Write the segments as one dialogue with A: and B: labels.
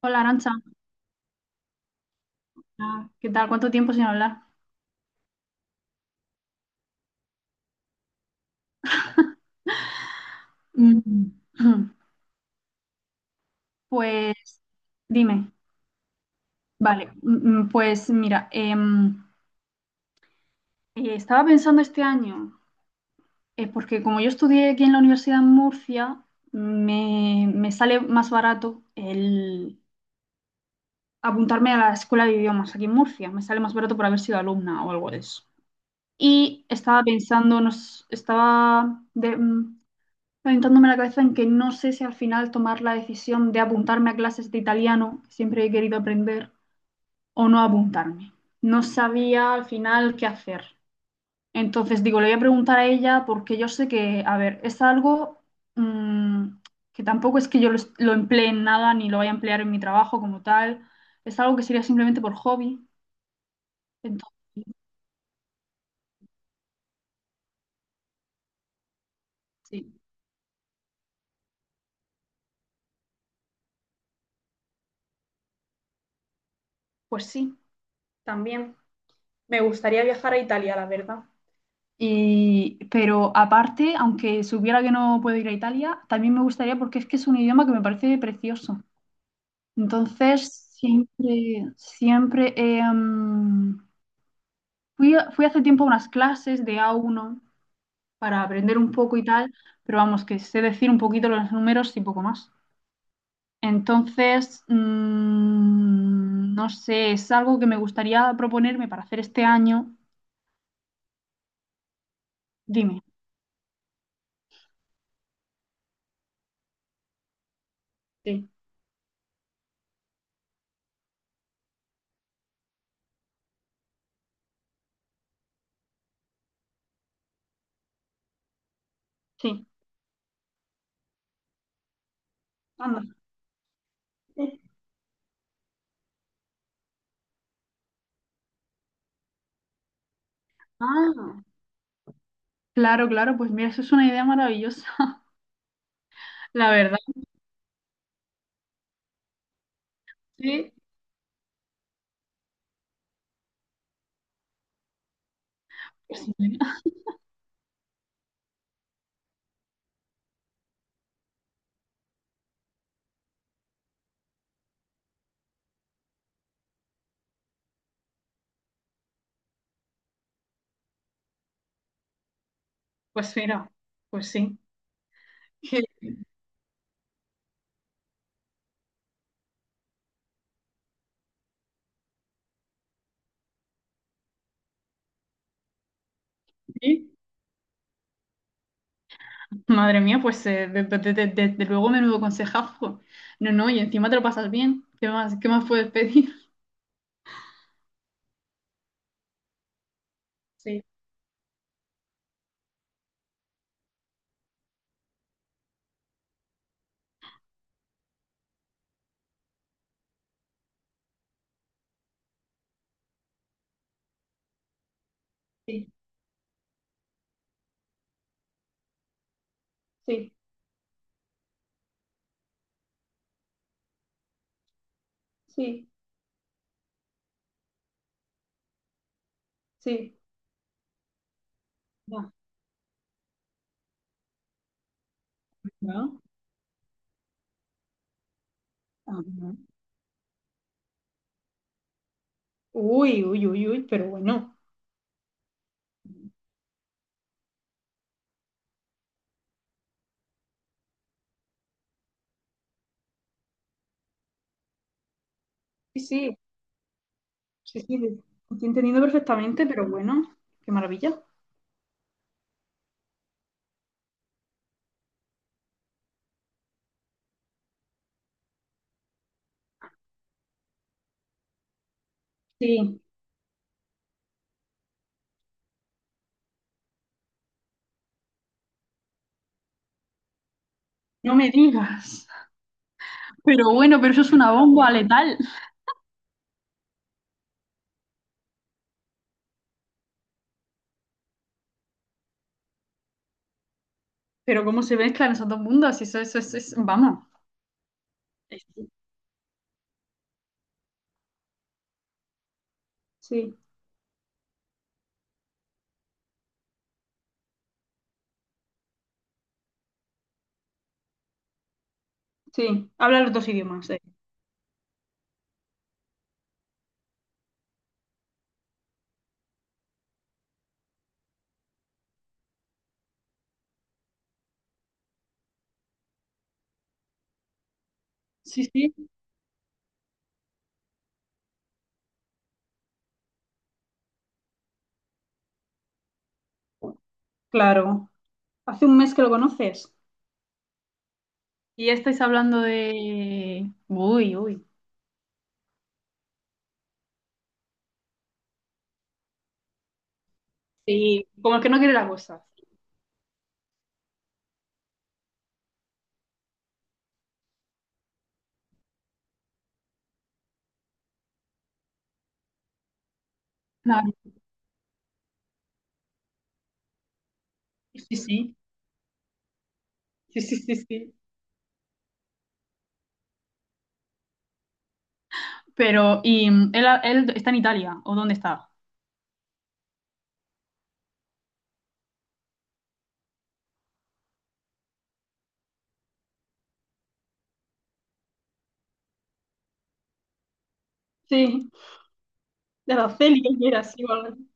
A: Hola, Arancha. ¿Qué tal? ¿Cuánto tiempo sin hablar? Mm. Pues dime. Vale, pues mira, estaba pensando este año, porque como yo estudié aquí en la Universidad de Murcia, me sale más barato el apuntarme a la escuela de idiomas aquí en Murcia, me sale más barato por haber sido alumna o algo de eso. Y estaba pensando, nos, estaba de- mm, aventándome la cabeza en que no sé si al final tomar la decisión de apuntarme a clases de italiano, que siempre he querido aprender, o no apuntarme. No sabía al final qué hacer. Entonces digo, le voy a preguntar a ella porque yo sé que, a ver, es algo mm, que tampoco es que lo emplee en nada ni lo vaya a emplear en mi trabajo como tal. Es algo que sería simplemente por hobby. Entonces, sí, pues sí, también. Me gustaría viajar a Italia, la verdad. Y, pero aparte, aunque supiera que no puedo ir a Italia, también me gustaría porque es que es un idioma que me parece precioso. Entonces, siempre, siempre fui hace tiempo a unas clases de A1 para aprender un poco y tal, pero vamos, que sé decir un poquito los números y poco más. Entonces, no sé, es algo que me gustaría proponerme para hacer este año. Dime. Sí, sí, anda. Ah. Claro, claro, pues mira, eso es una idea maravillosa. La verdad, sí. Pues mira, pues mira, pues sí. Que- Sí. Madre mía, pues desde luego menudo consejazo. No, no, y encima te lo pasas bien. Qué más puedes pedir? Sí, sí, sí, sí, sí. Ya. ¿No? Ah, no. Uy, uy, uy, uy, pero bueno. Sí, sí, sí, sí, lo estoy entendiendo perfectamente, pero bueno, qué maravilla. Sí, no me digas. Pero bueno, pero eso es una bomba letal. Pero cómo se mezclan esos dos mundos, eso es, vamos. Es- Sí, sí, habla los dos idiomas. Sí, sí, claro. Hace un mes que lo conoces. Y ya estáis hablando de... Uy, uy. Sí, como el que no quiere la cosa. No, sí, sí, sí, sí, sí, sí. Pero, ¿y él está en Italia? ¿O dónde está? Sí, de Araceli, él era así. O algo. Así.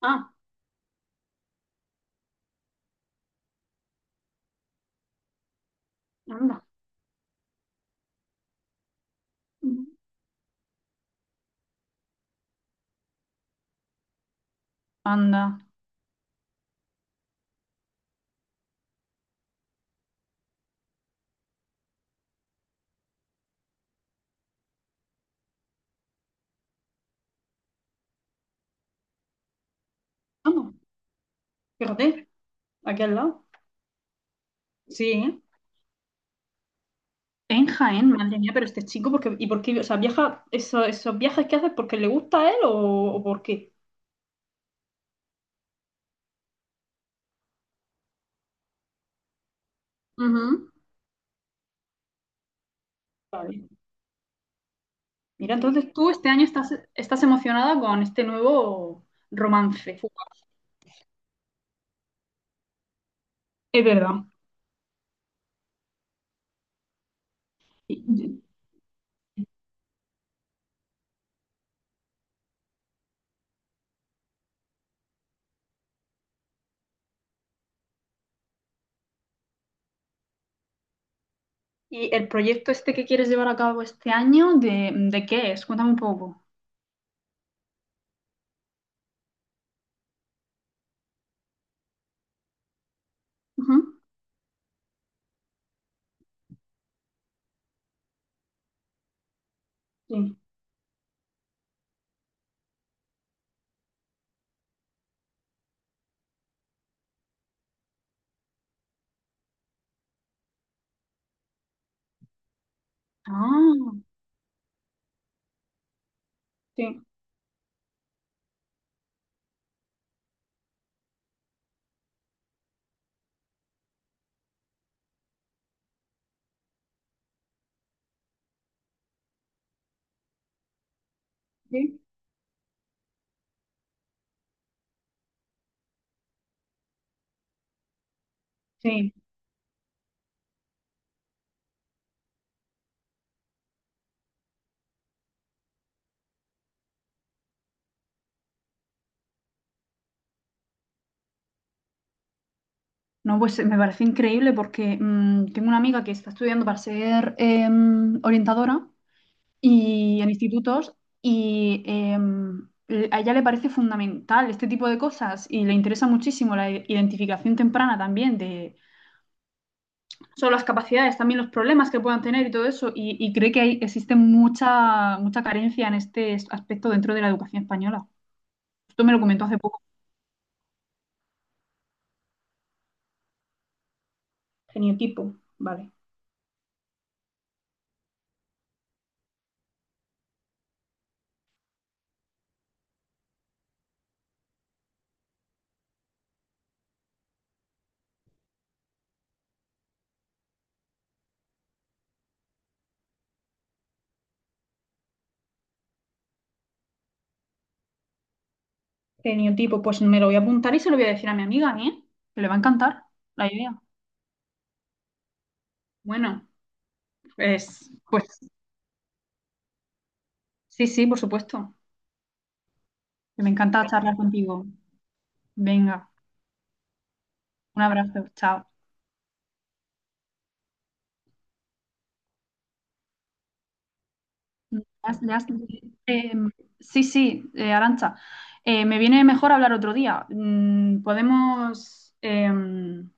A: Ah, anda. Ujú. Anda. Vamos, fíjate, aquí al lado. Sí, ¿eh? En Jaén, madre mía, pero este chico, porque, ¿y por qué? O sea, viaja, esos viajes que haces, ¿porque le gusta a él o por qué? Ujú. Vale. Mira, entonces tú este año estás, estás emocionada con este nuevo romance. Es verdad. ¿Y, y el proyecto este que quieres llevar a cabo este año, de qué es? Cuéntame un poco. Ujú. Sí. Ah, sí, sí, sí. No, pues me parece increíble porque tengo una amiga que está estudiando para ser orientadora y en institutos y a ella le parece fundamental este tipo de cosas y le interesa muchísimo la identificación temprana también de no solo las capacidades, también los problemas que puedan tener y todo eso y cree que existe mucha, mucha carencia en este aspecto dentro de la educación española. Esto me lo comentó hace poco. Geniotipo, vale. Geniotipo, pues me lo voy a apuntar y se lo voy a decir a mi amiga, ¿eh? Que le va a encantar la idea. Bueno, pues, pues sí, sí, por supuesto. Me encanta charlar contigo. Venga, un abrazo, chao. Le has- le has- eh, sí, sí, Arantxa, me viene mejor hablar otro día. Podemos... em,